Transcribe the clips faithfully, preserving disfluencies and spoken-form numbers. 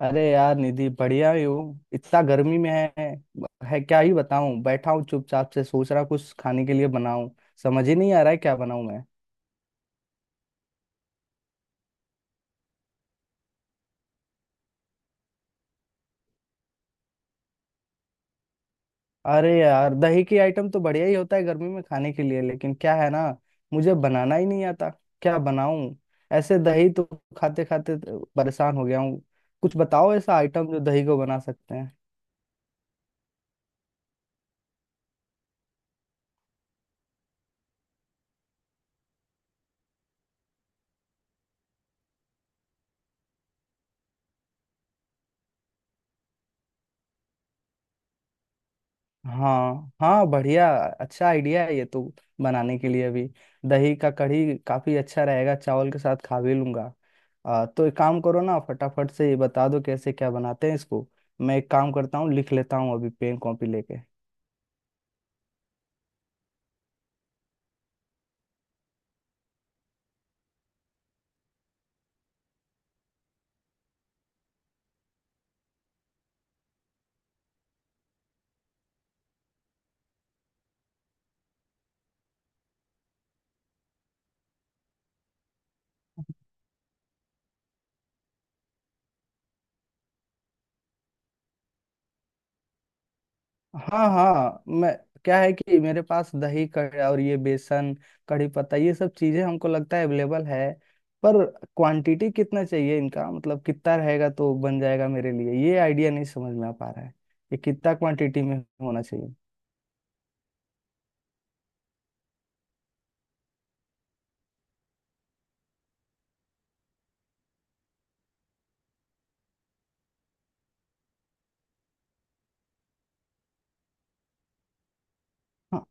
अरे यार निधि, बढ़िया ही हूँ। इतना गर्मी में है है क्या ही बताऊं। बैठा हूँ चुपचाप से, सोच रहा कुछ खाने के लिए बनाऊं। समझ ही नहीं आ रहा है क्या बनाऊं मैं। अरे यार, दही की आइटम तो बढ़िया ही होता है गर्मी में खाने के लिए, लेकिन क्या है ना, मुझे बनाना ही नहीं आता। क्या बनाऊं? ऐसे दही तो खाते खाते परेशान हो गया हूँ। कुछ बताओ ऐसा आइटम जो दही को बना सकते हैं। हाँ हाँ, बढ़िया। अच्छा आइडिया है ये तो बनाने के लिए अभी। दही का कढ़ी काफी अच्छा रहेगा, चावल के साथ खा भी लूंगा। आ, तो एक काम करो ना, फटाफट से ये बता दो कैसे क्या बनाते हैं इसको। मैं एक काम करता हूँ, लिख लेता हूँ अभी पेन कॉपी लेके। हाँ हाँ। मैं, क्या है कि मेरे पास दही कड़- और ये बेसन, कढ़ी पत्ता, ये सब चीजें हमको लगता है अवेलेबल है। पर क्वांटिटी कितना चाहिए इनका, मतलब कितना रहेगा तो बन जाएगा मेरे लिए, ये आइडिया नहीं समझ में आ पा रहा है। ये कितना क्वांटिटी में होना चाहिए? हाँ।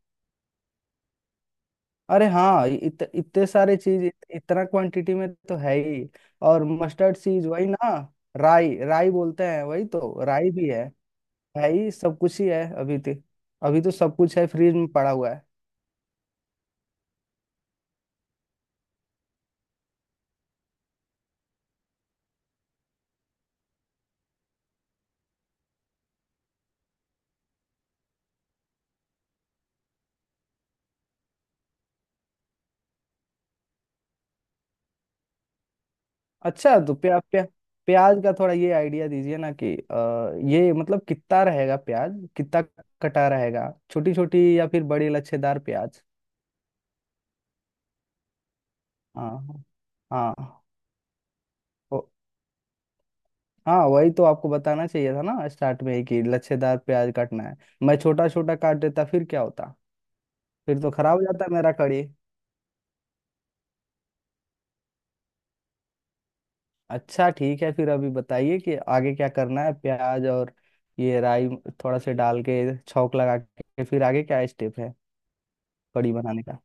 अरे हाँ, इत, इतने सारे चीज इत, इतना क्वांटिटी में तो है ही। और मस्टर्ड सीज वही ना, राई? राई बोलते हैं वही तो, राई भी है। है ही, सब कुछ ही है अभी तो। अभी तो सब कुछ है फ्रिज में पड़ा हुआ है। अच्छा तो प्या, प्या, प्याज का थोड़ा ये आइडिया दीजिए ना कि अ, ये मतलब कितना रहेगा प्याज, कितना कटा रहेगा? छोटी छोटी या फिर बड़ी लच्छेदार प्याज? हाँ। हाँ। ओ- हाँ वही तो आपको बताना चाहिए था ना स्टार्ट में ही कि लच्छेदार प्याज काटना है। मैं छोटा छोटा काट देता फिर क्या होता। फिर तो खराब हो जाता मेरा कड़ी। अच्छा ठीक है, फिर अभी बताइए कि आगे क्या करना है। प्याज और ये राई थोड़ा से डाल के छौंक लगा के, फिर आगे क्या स्टेप है कड़ी बनाने का?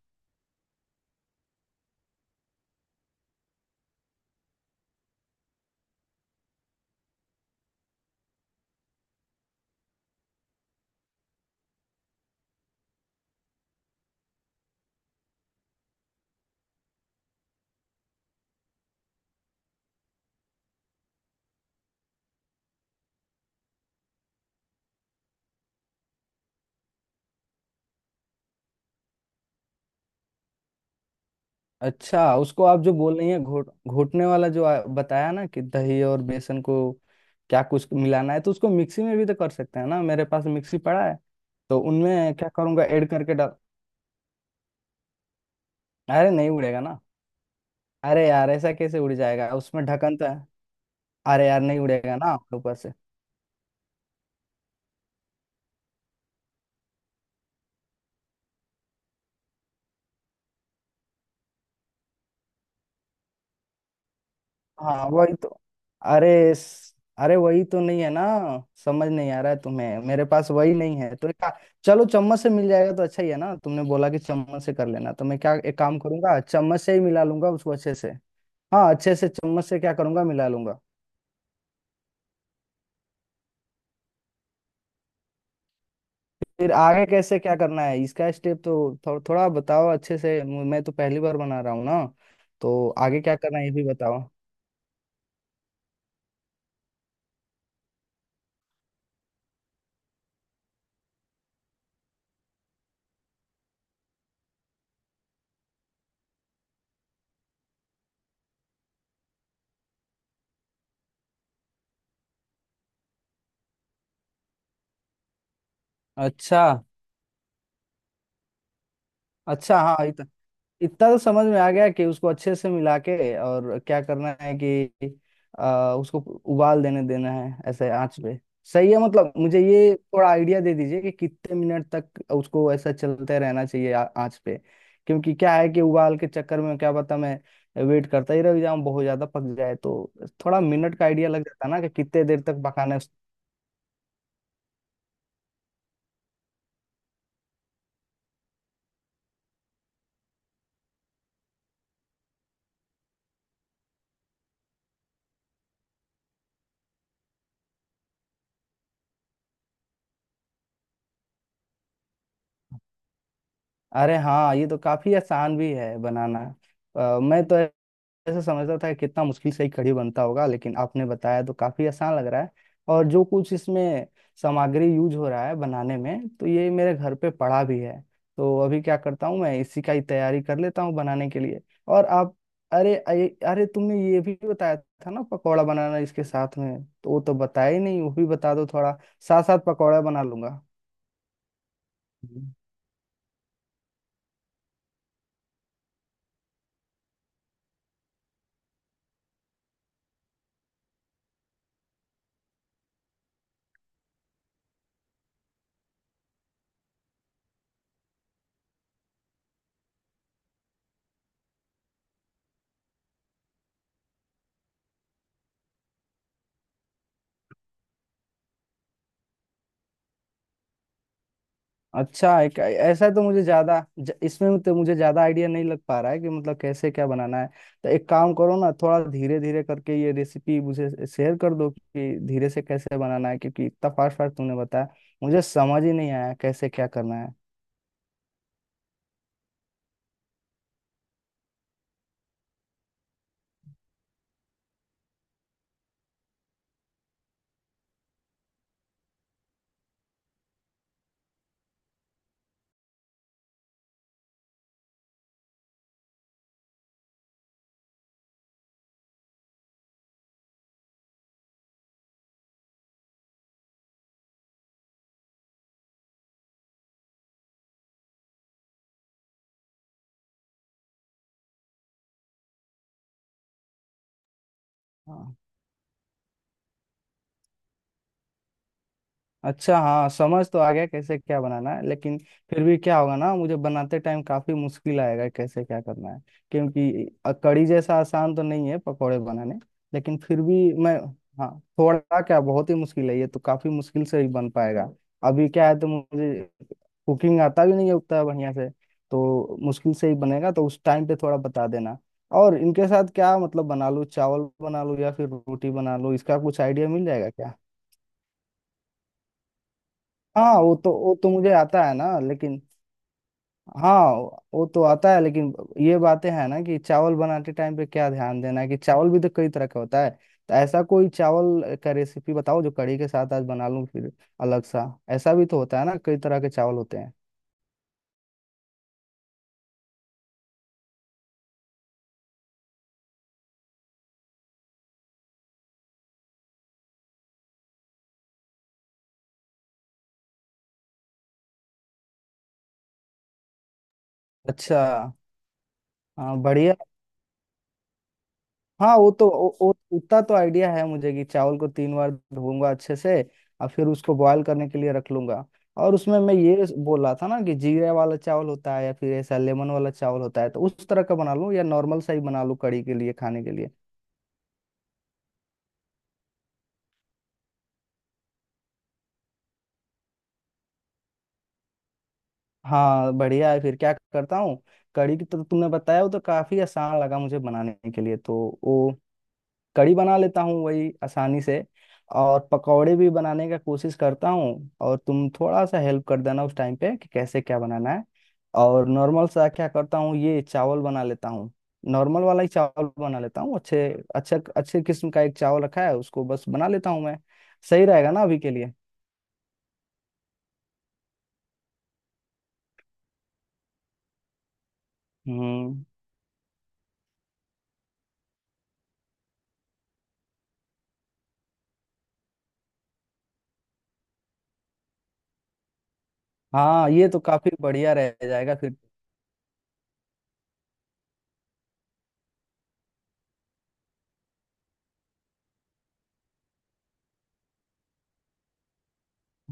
अच्छा, उसको आप जो बोल रही हैं घोट, घोटने वाला जो आ- बताया ना कि दही और बेसन को क्या कुछ मिलाना है, तो उसको मिक्सी में भी तो कर सकते हैं ना, मेरे पास मिक्सी पड़ा है। तो उनमें क्या करूंगा, ऐड करके डाल। अरे नहीं उड़ेगा ना। अरे यार, ऐसा कैसे उड़ जाएगा, उसमें ढक्कन तो है। अरे यार नहीं उड़ेगा ना ऊपर से। हाँ वही तो। अरे स- अरे वही तो नहीं है ना। समझ नहीं आ रहा है तुम्हें, मेरे पास वही नहीं है तो एक का- चलो, चम्मच से मिल जाएगा तो अच्छा ही है ना। तुमने बोला कि चम्मच से कर लेना, तो मैं क्या एक काम करूंगा, चम्मच से ही मिला लूंगा उसको अच्छे से। हाँ अच्छे से चम्मच से क्या करूंगा, मिला लूंगा। फिर आगे कैसे क्या करना है इसका स्टेप तो थो, थोड़ा बताओ अच्छे से, मु- मैं तो पहली बार बना रहा हूँ ना। तो आगे क्या करना है ये भी बताओ। अच्छा। अच्छा हाँ, इतना तो समझ में आ गया कि उसको अच्छे से मिला के और क्या करना है कि आ, उसको उबाल देने देना है ऐसे आंच पे। सही है। मतलब मुझे ये थोड़ा आइडिया दे दीजिए कि कितने मिनट तक उसको ऐसा चलते रहना चाहिए आ- आंच पे। क्योंकि क्या है कि उबाल के चक्कर में क्या पता मैं वेट करता ही रह जाऊं, बहुत ज्यादा पक जाए तो। थोड़ा मिनट का आइडिया लग जाता ना कि कितने देर तक पकाना है उस- अरे हाँ, ये तो काफी आसान भी है बनाना। अ, मैं तो ऐसे समझता था कि कितना मुश्किल से ही कढ़ी बनता होगा, लेकिन आपने बताया तो काफी आसान लग रहा है। और जो कुछ इसमें सामग्री यूज हो रहा है बनाने में, तो ये मेरे घर पे पड़ा भी है। तो अभी क्या करता हूँ, मैं इसी का ही तैयारी कर लेता हूँ बनाने के लिए। और आप, अरे अरे अरे, तुमने ये भी बताया था ना पकौड़ा बनाना इसके साथ में, तो वो तो बताया ही नहीं, वो भी बता दो थोड़ा। साथ साथ पकौड़ा बना लूंगा। अच्छा, एक ऐसा तो मुझे ज्यादा ज- इसमें तो मुझे ज्यादा आइडिया नहीं लग पा रहा है कि मतलब कैसे क्या बनाना है। तो एक काम करो ना, थोड़ा धीरे धीरे करके ये रेसिपी मुझे शेयर कर दो कि धीरे से कैसे बनाना है, क्योंकि इतना फास्ट फास्ट तूने बताया, मुझे समझ ही नहीं आया कैसे क्या करना है। हाँ। अच्छा हाँ, समझ तो आ गया कैसे क्या बनाना है, लेकिन फिर भी क्या होगा ना, मुझे बनाते टाइम काफी मुश्किल आएगा कैसे क्या करना है। क्योंकि अ, कढ़ी जैसा आसान तो नहीं है पकौड़े बनाने। लेकिन फिर भी मैं, हाँ, थोड़ा क्या, बहुत ही मुश्किल है, ये तो काफी मुश्किल से ही बन पाएगा। अभी क्या है तो मुझे कुकिंग आता भी नहीं है उतना बढ़िया से, तो मुश्किल से ही बनेगा, तो उस टाइम पे थोड़ा बता देना। और इनके साथ क्या मतलब बना लूँ, चावल बना लूँ या फिर रोटी बना लूँ, इसका कुछ आइडिया मिल जाएगा क्या? हाँ वो तो, वो तो मुझे आता है ना, लेकिन हाँ वो तो आता है, लेकिन ये बातें हैं ना कि चावल बनाते टाइम पे क्या ध्यान देना है, कि चावल भी तो कई तरह का होता है, तो ऐसा कोई चावल का रेसिपी बताओ जो कड़ी के साथ आज बना लूं फिर, अलग सा। ऐसा भी तो होता है ना, कई तरह के चावल होते हैं। अच्छा। हाँ बढ़िया। हाँ वो तो, वो, वो उतना तो आइडिया है मुझे कि चावल को तीन बार धोऊंगा अच्छे से। और फिर उसको बॉयल करने के लिए रख लूंगा। और उसमें मैं ये बोल रहा था ना कि जीरा वाला चावल होता है या फिर ऐसा लेमन वाला चावल होता है, तो उस तरह का बना लूँ या नॉर्मल सा ही बना लूँ कड़ी के लिए खाने के लिए? हाँ बढ़िया है, फिर क्या करता हूँ। कड़ी की तो तुमने बताया, वो तो काफी आसान लगा मुझे बनाने के लिए, तो वो कड़ी बना लेता हूँ वही आसानी से। और पकौड़े भी बनाने का कोशिश करता हूँ, और तुम थोड़ा सा हेल्प कर देना उस टाइम पे कि कैसे क्या बनाना है। और नॉर्मल सा क्या करता हूँ ये चावल बना लेता हूँ। नॉर्मल वाला ही चावल बना लेता हूँ अच्छे। अच्छा, अच्छे किस्म का एक चावल रखा है, उसको बस बना लेता हूँ मैं। सही रहेगा ना अभी के लिए? हम्म। हाँ ये तो काफी बढ़िया रह जाएगा फिर।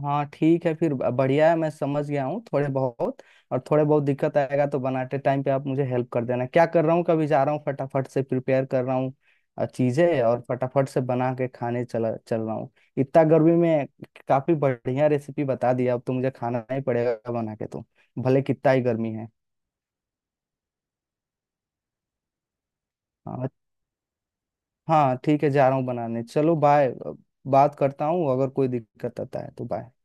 हाँ ठीक है, फिर ब- बढ़िया है, मैं समझ गया हूँ थोड़े बहुत। और थोड़े बहुत दिक्कत आएगा तो बनाते टाइम पे आप मुझे हेल्प कर देना। क्या कर रहा हूँ, कभी जा रहा हूँ फटाफट से प्रिपेयर कर रहा हूँ अ, चीजें और फटाफट से बना के खाने चला चल रहा हूँ। इतना गर्मी में काफी बढ़िया रेसिपी बता दिया, अब तो मुझे खाना ही पड़ेगा बना के तो, भले कितना ही गर्मी है। हाँ। हाँ ठीक है, जा रहा हूँ बनाने, चलो बाय। बात करता हूँ अगर कोई दिक्कत आता है तो। बाय।